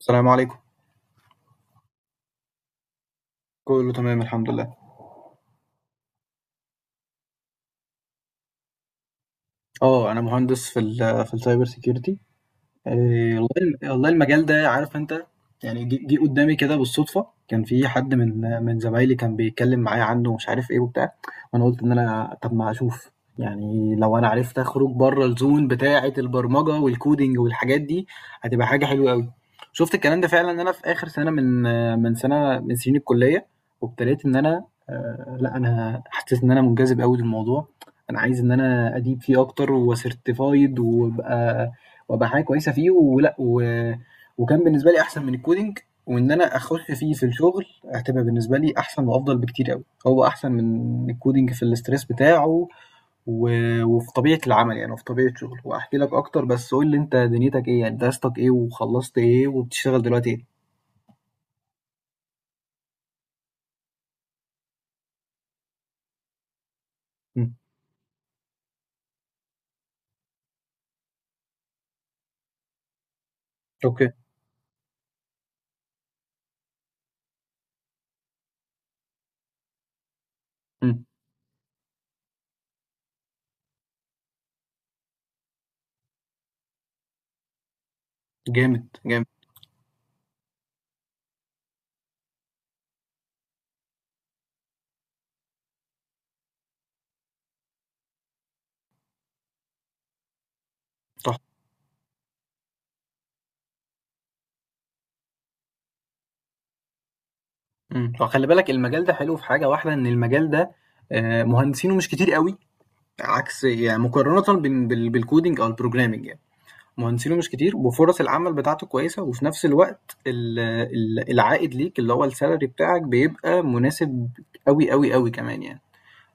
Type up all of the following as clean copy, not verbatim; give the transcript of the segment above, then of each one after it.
السلام عليكم. كله تمام الحمد لله. اه، انا مهندس في ال في السايبر سيكيورتي. والله والله المجال ده عارف أنت. يعني جه قدّامي كده بالصدفة، كان في حد من زمايلي كان بيتكلّم معايا عنه ومش عارف إيه وبتاع. وأنا قُلت إن أنا طَب ما أشوف، يعني لو أنا عرفت أخرج برّه الzone بتاعة البرمجة والcoding والحاجات دي، هتبقى حاجة حلوة أوي. شُفت الكلام ده فعلًا أنا في آخر سَنة من من سَنة من سنين الكلية، وابتديت إن أنا لأ، أنا حسّيت إن أنا مُنجذب أوي للموضوع. أنا عايز إن أنا أدِيب فيه أكتر وcertified وأبقى حاجه كويسه فيه وكان بالنسبه لي احسن من الكودينج. وان انا اخش فيه في الشغل هتبقى بالنسبه لي احسن وافضل بكتير قوي، هو احسن من الكودينج في الاستريس بتاعه و... وفي طبيعه العمل يعني وفي طبيعه شغله. واحكي لك اكتر، بس قول لي انت دنيتك ايه، يعني درستك ايه وخلصت ايه وبتشتغل دلوقتي ايه؟ مم. اوكي. مم. جامد جامد. صح. مم. فخلي بالك المجال ده حلو في حاجه واحده، ان المجال ده آه، مهندسينه مش كتير قوي، عكس يعني مقارنه بالكودينج او البروجرامينج يعني. مهندسينه مش كتير وفرص العمل بتاعته كويسة، وفي نفس الوقت ال العائد ليك اللي هو السالري بتاعك بيبقى مناسب أوي، أوي، أوي كمان يعني.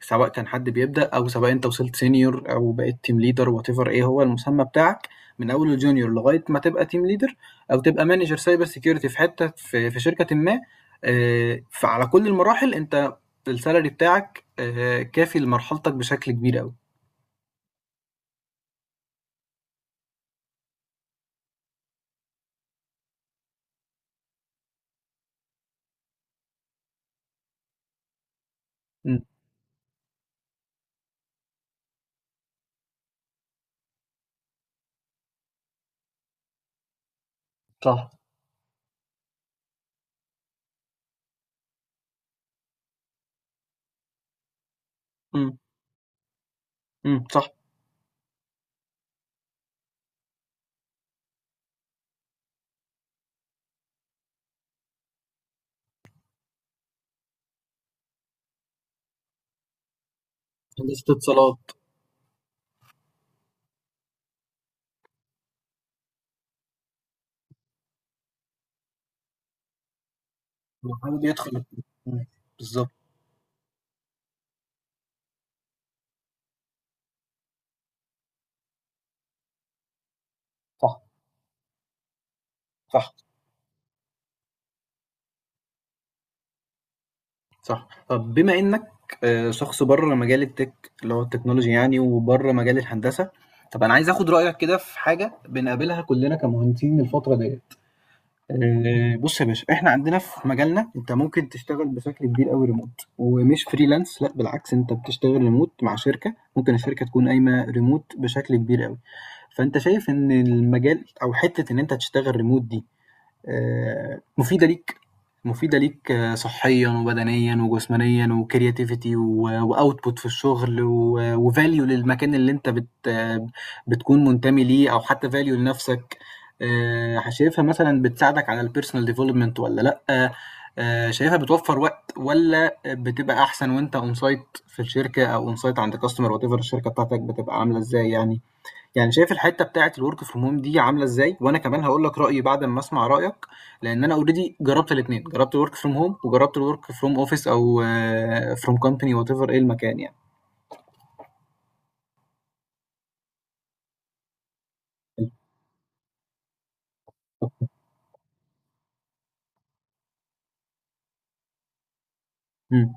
سواء كان حد بيبدأ أو سواء أنت وصلت senior أو بقيت team leader whatever إيه هو المسمى بتاعك، من أول الjunior لغاية ما تبقى team leader أو تبقى manager cyber security في حتة في في شركةٍ ما. فعلى كل المراحل أنت السالري بتاعك كافي لمرحلتك بشكل كبير أوي. إمم، صح. إمم. إمم، صح. هندسة اتصالات. ويحاول يدخل الكورة. إمم. بالضبط. صح. صح. صح. طب بما إنّك شخص برّه مجال الtech اللي هو التكنولوجيا يعني، وبرّه مجال الهندسة، طب أنا عايز آخُد رأيك كده في حاجة بنقابلها كُلّنا كمهندسين الفترة ديّة. بُص يا باشا، إحنا عندنا في مجالنا أنت ممكن تشتغل بشكل كبير أوي remote ومش freelance، لأ بالعكس، أنت بتشتغل remote مع شركة، ممكن الشركة تكون قايمة remote بشكل كبير أوي. فأنت شايف إن المجال، أو حتّة إن أنت تشتغل remote دي آه، مفيدة ليك، مفيدة ليك آه، صحيا وبدنيا وجسمانيا وكرياتيفيتي واوتبوت في الشغل، وفاليو للمكان اللي انت بت آه، بتكون منتمي ليه، او حتى فاليو لنفسك. آه، شايفها مثلا بتساعدك على البيرسونال ديفلوبمنت ولا لا؟ آه، شايفها بتوفر وقت ولا بتبقى احسن وانت اون سايت في الشركة، او اون سايت عند كاستمر، وات ايفر الشركة بتاعتك بتبقى عاملة ازاي يعني. يعني شايف الحتة بتاعة الwork from home دي عاملة إزاي؟ وأنا كمان هاقول لك رأيي بعد أمّا أسمع رأيك، لإن أنا already جرّبت الاتنين، جرّبت الwork from home وجرّبت الwork from office أو آه، from company whatever إيه المكان يعني. إمم.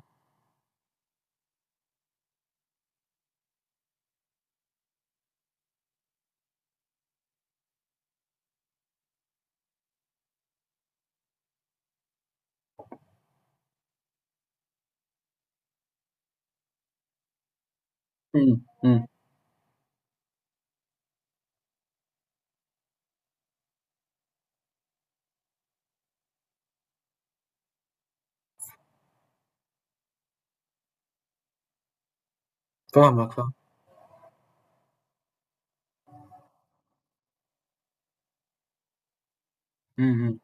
إمم، إمم. فاهمك فاهمك. إمم، إمم.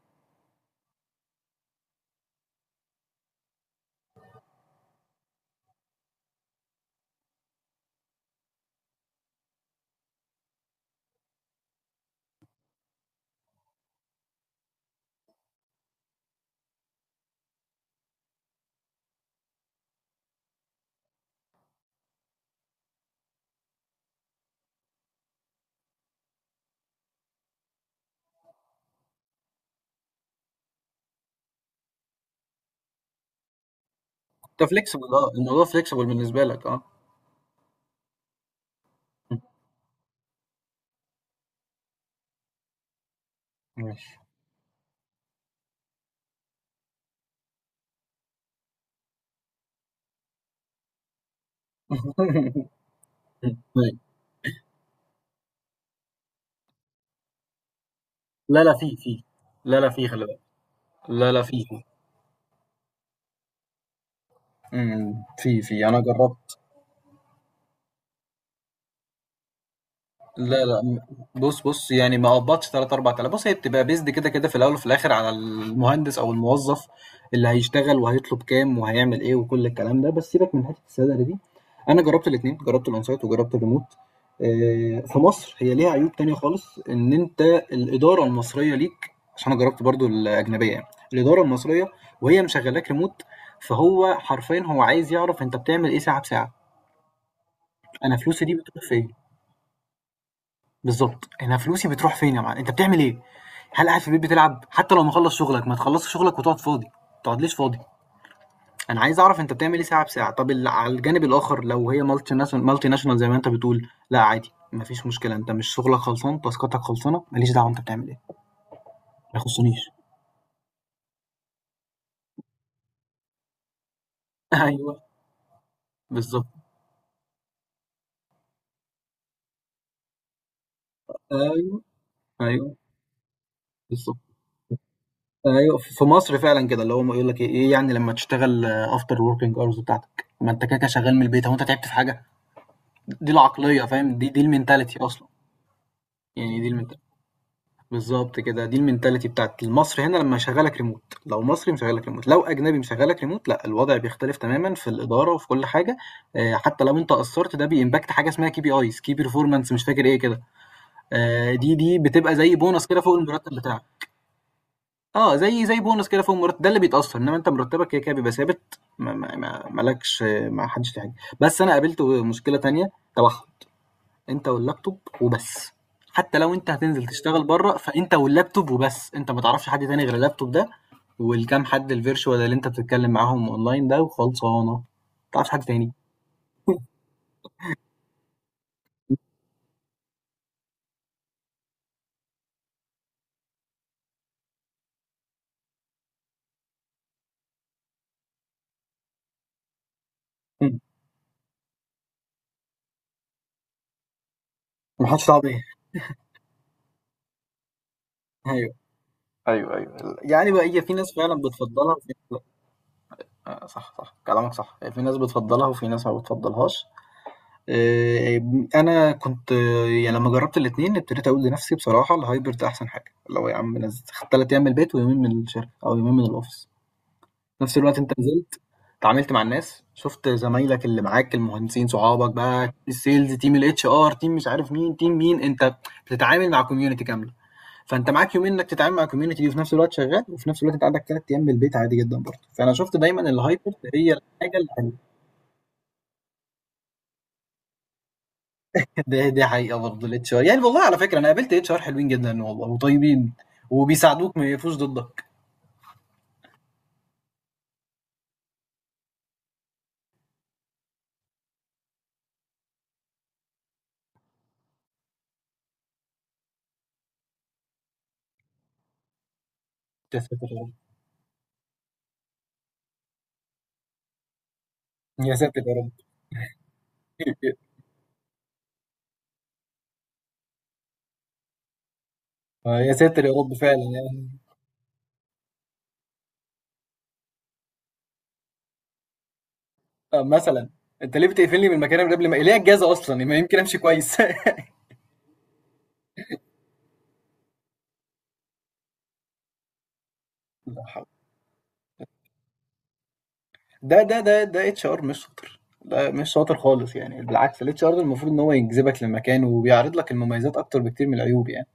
أنت flexible، آه، الموضوع flexible بالنسبة لك آه. إمم، ماشي. إمم، أيوه. لا، لا في، في. لا، لا في، خلي بالك. لا، لا في، في. إمم، في، في. أنا جرّبت. لا لا، بص بص، يعني ما قبضش 3 4000. بص هي بتبقى بيزد كده كده في الاول وفي الاخر على المهندس او الموظف اللي هيشتغل وهيطلب كام وهيعمل ايه وكل الكلام ده. بس سيبك من حته السالري دي، انا جربت الاثنين، جربت الاون سايت وجربت الريموت. آه، في مصر هي ليها عيوب تانية خالص، ان انت الاداره المصريه ليك، عشان انا جربت برضو الاجنبيه يعني. الاداره المصريه وهي مشغلاك ريموت، فهو حرفيا هو عايز يعرف انت بتعمل ايه ساعه بساعه. انا فلوسي دي بتروح فين؟ بالضبط، أنا فلوسي بتروح فين يا معلم؟ أنت بتعمل إيه؟ هل قاعد في البيت بتلعب؟ حتى لو مخلّص شغلك، ما تخلّصش شغلك وتقعد فاضي، ما تقعدليش فاضي، أنا عايز أعرف أنت بتعمل إيه ساعة بساعة. طب على الجانب الآخر، لو هي multi national زي ما أنت بتقول، لأ عادي ما فيش مشكلة، أنت مش شغلك خلصان، تاسكاتك خلصانة، ما ليش دعوة أنت بتعمل إيه. ما يخصنيش. أيوه، بالضبط. أيوه. أيوه، بالضبط. أيوه. في مصر فعلًا كده، اللي هُم يقول لك إيه، إيه يعني لمّا تشتغل after working hours بتاعتك، ما أنت كده، كده شغال من البيت، هو أنت تعبت في حاجة؟ دي العقلية فاهم؟ دي المنتاليتي أصلًا. يعني دي المنت بالضبط كده، دي المنتاليتي بتاعة المصري هنا لمّا يشغّلك remote، لو مصري مشغّلك remote، لو أجنبي مشغّلك remote لأ، الوضع بيختلف تمامًا في الإدارة وفي كل حاجة. حتى لو أنت قصّرت، ده بيimpact حاجة اسمها KPIs key performance مش فاكر إيه كده. دي بتبقى زي bonus كده فوق المرتب بتاعك. آه، زي bonus كده فوق المرتب، ده اللي بيتأثّر، إنّما أنت مرتبك كده كده بيبقى ثابت، ما لكش، ما حدش فيه حاجة. بس أنا قابلت مشكلة تانية تبعهم. انت واللابتوب وبس، حتى لو انت هتنزل تشتغل بره فانت واللابتوب وبس، انت ما تعرفش حد تاني غير اللابتوب ده، والكام حد الفيرشوال اللي انت بتتكلم معاهم اونلاين ده، وخلصانه، ما تعرفش حد تاني. مم. محدش تعرف ايه. ايوه. ايوه ايوه، يعني بقى هي في ناس فعلا بتفضلها وفي ناس لا. آه، صح صح كلامك صح، في ناس بتفضلها وفي ناس ما بتفضلهاش. آه، انا كنت آه، يعني لما جربت الاتنين ابتديت اقول لنفسي بصراحه الهايبرد احسن حاجه، لو يا عم نزل ثلاث ايام من البيت ويومين من الشركه او يومين من الاوفيس. في نفس الوقت أنت نزلت اتعاملت مع الناس، شُفت زمايلك اللي معاك المهندسين صحابك بقى، الsales تيم الHR تيم مش عارف مين، تيم مين، أنت بتتعامل مع community كاملة. فأنت معاك يومين إنك تتعامل مع الcommunity دي وفي نفس الوقت شغال، وفي نفس الوقت أنت عندك 3 أيام من البيت عادي جدًا برضه، فأنا شُفت دايمًا الhybrid هي الحاجة الحلوة. دي حقيقة برضه الHR يعني، والله على فكرة أنا قابلت HR حلوين جدًا والله وطيبين، وبيساعدوك ما يقفوش ضدك. يا ساتر يا رب. يا ساتر يا رب. يا ساتر يا رب فعلًا يعني. آه، مثلا انت ليه بتقفلني من مكاني من قبل، ما ليه اجازه اصلا، ما يمكن امشي كويس. لا حول. ده اتش ار مش شاطر، ده مش شاطر خالص يعني، بالعكس الاتش ار المفروض ان هو يجذبك للمكان وبيعرض لك المميزات اكتر بكتير من العيوب يعني.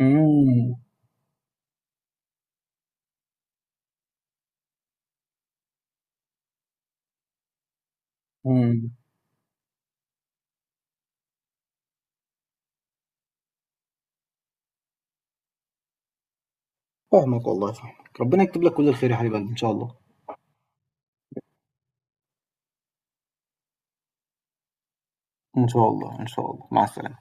امم. امم. فاهمك والله فاهمك، ربنا يكتب لك كل الخير يا حبيب قلبي ان شاء الله. ان شاء الله ان شاء الله، مع السلامه.